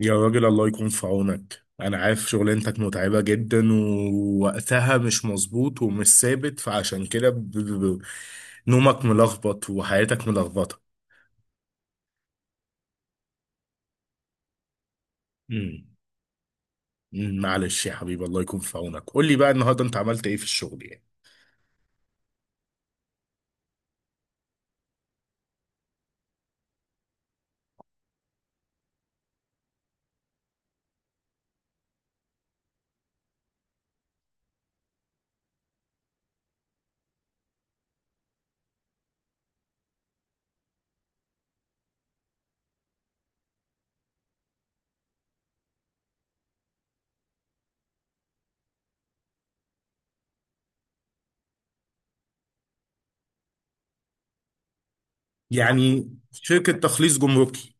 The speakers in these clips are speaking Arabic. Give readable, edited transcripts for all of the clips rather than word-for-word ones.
يا راجل، الله يكون في عونك. انا عارف شغلانتك متعبة جدا ووقتها مش مظبوط ومش ثابت، فعشان كده نومك ملخبط وحياتك ملخبطة. امم أمم، معلش يا حبيبي، الله يكون في عونك. قول لي بقى النهارده انت عملت ايه في الشغل يعني؟ يعني شركة تخليص جمركي؟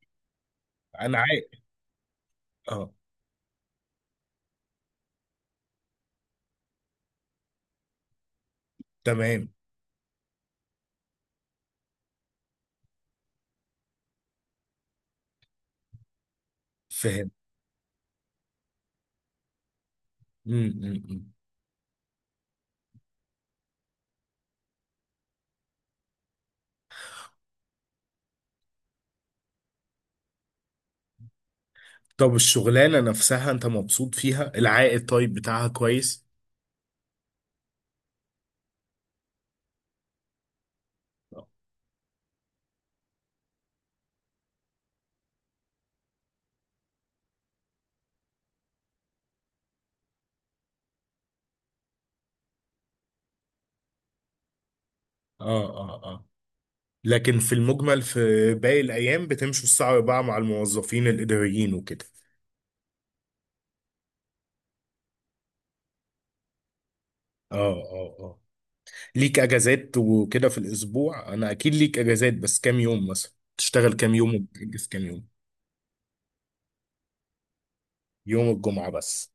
انا عارف. اه. تمام. فاهم. أمم، أمم، أمم. طب الشغلانة نفسها انت مبسوط فيها؟ العائد طيب بتاعها كويس؟ اه، اه، آه. لكن في المجمل، في باقي الأيام بتمشوا الساعة 4 مع الموظفين الإداريين وكده؟ اه اه اه. ليك أجازات وكده في الأسبوع، أنا أكيد ليك أجازات، بس كام يوم مثلا تشتغل كام يوم وتأجز كام يوم؟ يوم الجمعة بس؟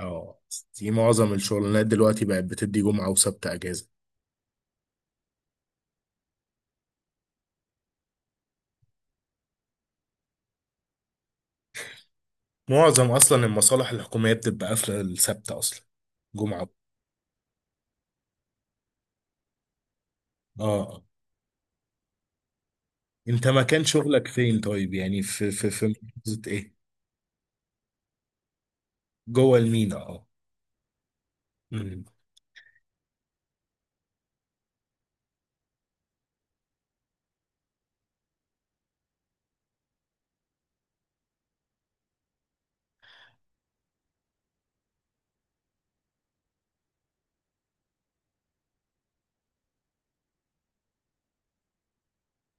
اه. دي معظم الشغلانات دلوقتي بقت بتدي جمعة وسبت أجازة. معظم أصلا المصالح الحكومية بتبقى قافلة السبت أصلا. جمعة. اه، آه. أنت مكان شغلك فين طيب، يعني في محافظة إيه؟ جوه المينا، اه. مم.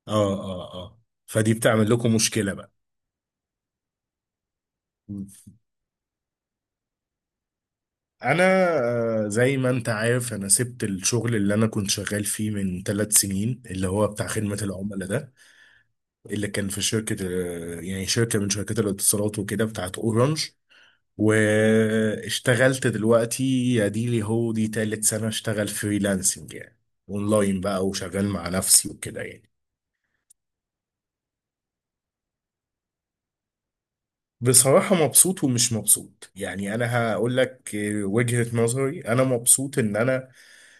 اه اه اه، فدي بتعمل لكم مشكلة بقى. مم. انا زي ما انت عارف انا سبت الشغل اللي انا كنت شغال فيه من 3 سنين، اللي هو بتاع خدمة العملاء ده، اللي كان في شركة، يعني شركة من شركات الاتصالات وكده، بتاعت اورنج. واشتغلت دلوقتي، اديلي هو دي تالت سنة اشتغل فريلانسنج يعني، اونلاين بقى، وشغال مع نفسي وكده يعني. بصراحة مبسوط ومش مبسوط، يعني أنا هقول لك وجهة نظري. أنا مبسوط إن أنا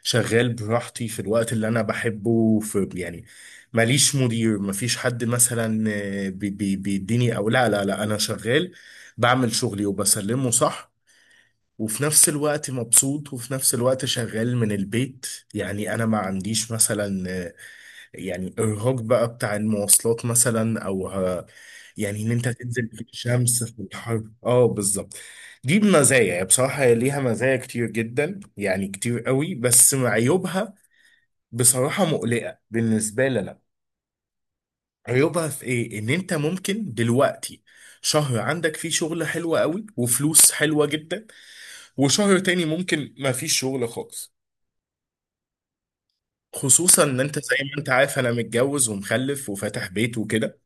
شغال براحتي، في الوقت اللي أنا بحبه في يعني، ماليش مدير، مفيش حد مثلا بيديني، أو لا لا لا، أنا شغال، بعمل شغلي وبسلمه صح. وفي نفس الوقت مبسوط، وفي نفس الوقت شغال من البيت، يعني أنا ما عنديش مثلا يعني ارهاق بقى بتاع المواصلات مثلا، يعني ان انت تنزل في الشمس في الحر، اه بالظبط. دي مزايا يعني، بصراحة هي ليها مزايا كتير جدا، يعني كتير قوي، بس عيوبها بصراحة مقلقة بالنسبة لنا. عيوبها في ايه؟ ان انت ممكن دلوقتي شهر عندك فيه شغل حلو قوي وفلوس حلوة جدا، وشهر تاني ممكن ما فيش شغل خالص. خصوصا ان انت زي ما انت عارف انا متجوز ومخلف وفاتح بيت وكده.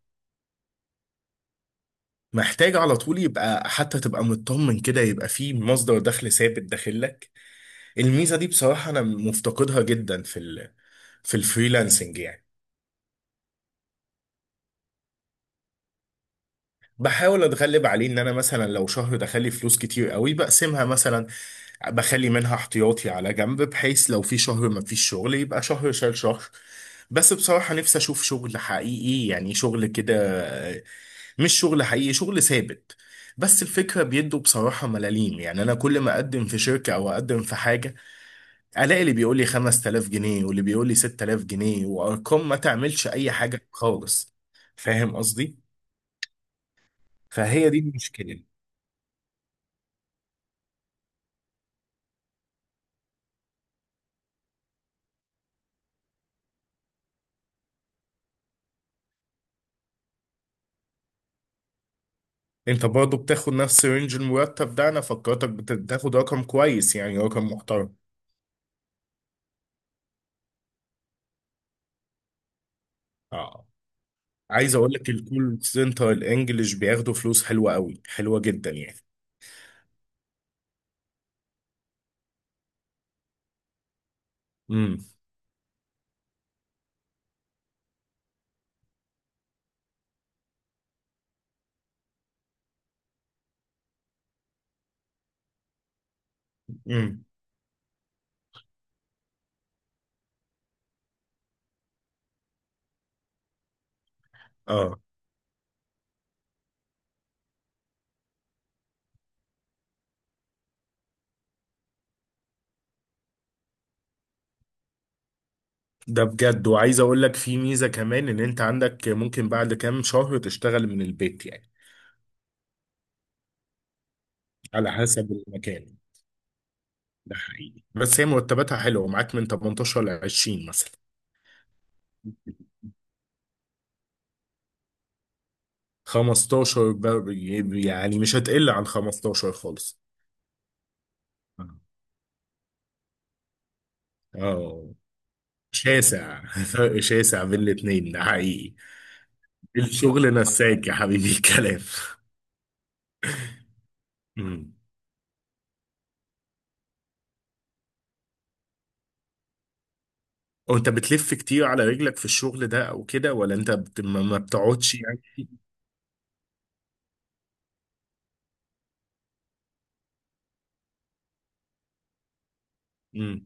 محتاج على طول، يبقى حتى تبقى مطمن كده يبقى في مصدر دخل ثابت داخل لك. الميزة دي بصراحة أنا مفتقدها جدا في الفريلانسنج يعني. بحاول اتغلب عليه ان انا مثلا لو شهر دخل لي فلوس كتير قوي بقسمها مثلا، بخلي منها احتياطي على جنب، بحيث لو في شهر ما فيش شغل يبقى شهر شال شهر. بس بصراحة نفسي اشوف شغل حقيقي، يعني شغل كده، آه، مش شغل حقيقي، شغل ثابت. بس الفكرة بيدوا بصراحة ملاليم، يعني انا كل ما اقدم في شركة او اقدم في حاجة الاقي اللي بيقول لي 5000 جنيه واللي بيقول لي 6000 جنيه، وارقام ما تعملش اي حاجة خالص. فاهم قصدي؟ فهي دي المشكلة. انت برضه بتاخد نفس رينج المرتب ده؟ انا فكرتك بتاخد رقم كويس يعني، رقم محترم. اه. عايز اقول لك الكول سنتر الانجليش بياخدوا فلوس حلوه قوي، حلوه جدا يعني. امم امم اه، ده بجد. وعايز اقول لك في ميزه كمان، ان انت عندك ممكن بعد كام شهر تشتغل من البيت يعني. على حسب المكان. ده حقيقي، بس هي مرتباتها حلوه معاك من 18 ل 20 مثلا. 15 يعني مش هتقل عن 15 خالص. آه. اه شاسع فرق شاسع بين الاتنين، ده حقيقي. الشغل نساك يا حبيبي الكلام. مم. وانت بتلف كتير على رجلك في الشغل ده او كده، ولا انت ما بتقعدش يعني؟ مم.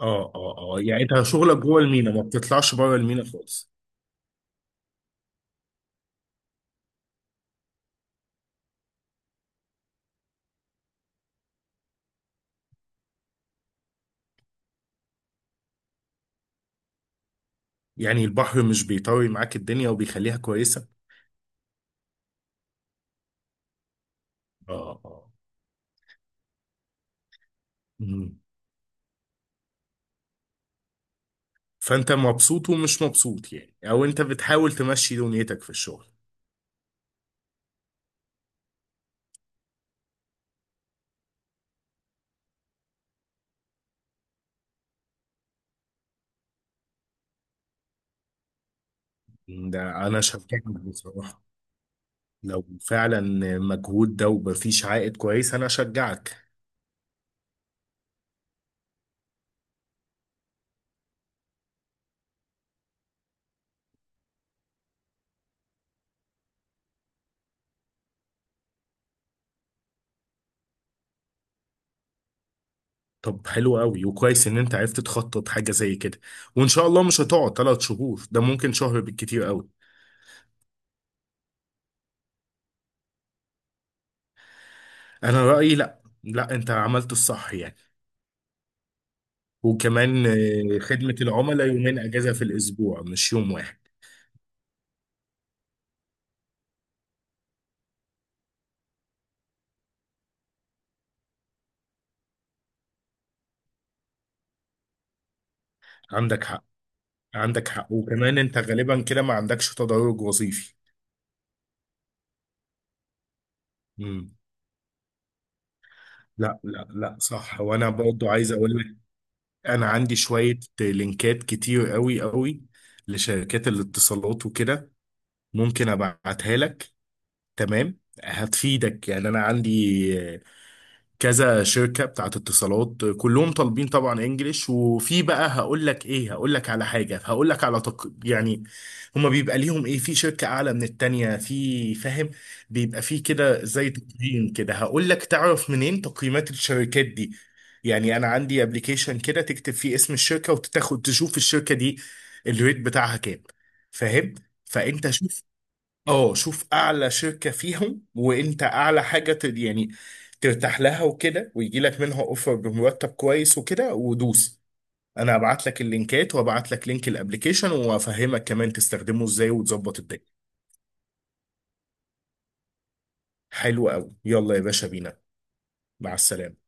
اه اه اه، يعني انت شغلك جوه المينا، ما بتطلعش بره المينا خالص؟ يعني البحر مش بيطري معاك الدنيا وبيخليها كويسة؟ اه، اه. مم. فانت مبسوط ومش مبسوط يعني، او انت بتحاول تمشي دنيتك في الشغل ده؟ انا شايفك بصراحة، لو فعلا مجهود ده ومفيش عائد كويس، انا اشجعك. طب حلو قوي وكويس ان انت عرفت تخطط حاجه زي كده، وان شاء الله مش هتقعد 3 شهور، ده ممكن شهر بالكتير قوي. انا رايي، لا لا، انت عملت الصح يعني. وكمان خدمه العملاء يومين اجازه في الاسبوع مش يوم واحد. عندك حق. عندك حق، وكمان انت غالبا كده ما عندكش تدرج وظيفي. امم. لا لا لا، صح. وانا برضو عايز اقول: انا عندي شوية لينكات كتير قوي قوي لشركات الاتصالات وكده، ممكن ابعتها لك. تمام. هتفيدك يعني، انا عندي كذا شركة بتاعت اتصالات، كلهم طالبين طبعا انجليش. وفي بقى هقول لك ايه، هقول لك على حاجة، هقول لك على يعني، هما بيبقى ليهم ايه، في شركة اعلى من التانية، في، فاهم؟ بيبقى في كده زي تقييم كده، هقول لك تعرف منين تقييمات الشركات دي. يعني انا عندي ابلكيشن كده تكتب فيه اسم الشركة وتاخد تشوف الشركة دي الريت بتاعها كام. فاهم. فانت شوف اعلى شركة فيهم، وانت اعلى حاجة يعني ترتاح لها وكده، ويجي لك منها اوفر بمرتب كويس وكده، ودوس. انا هبعت لك اللينكات، وابعت لك لينك الابليكيشن، وافهمك كمان تستخدمه ازاي وتظبط الدنيا. حلو قوي، يلا يا باشا بينا. مع السلامة.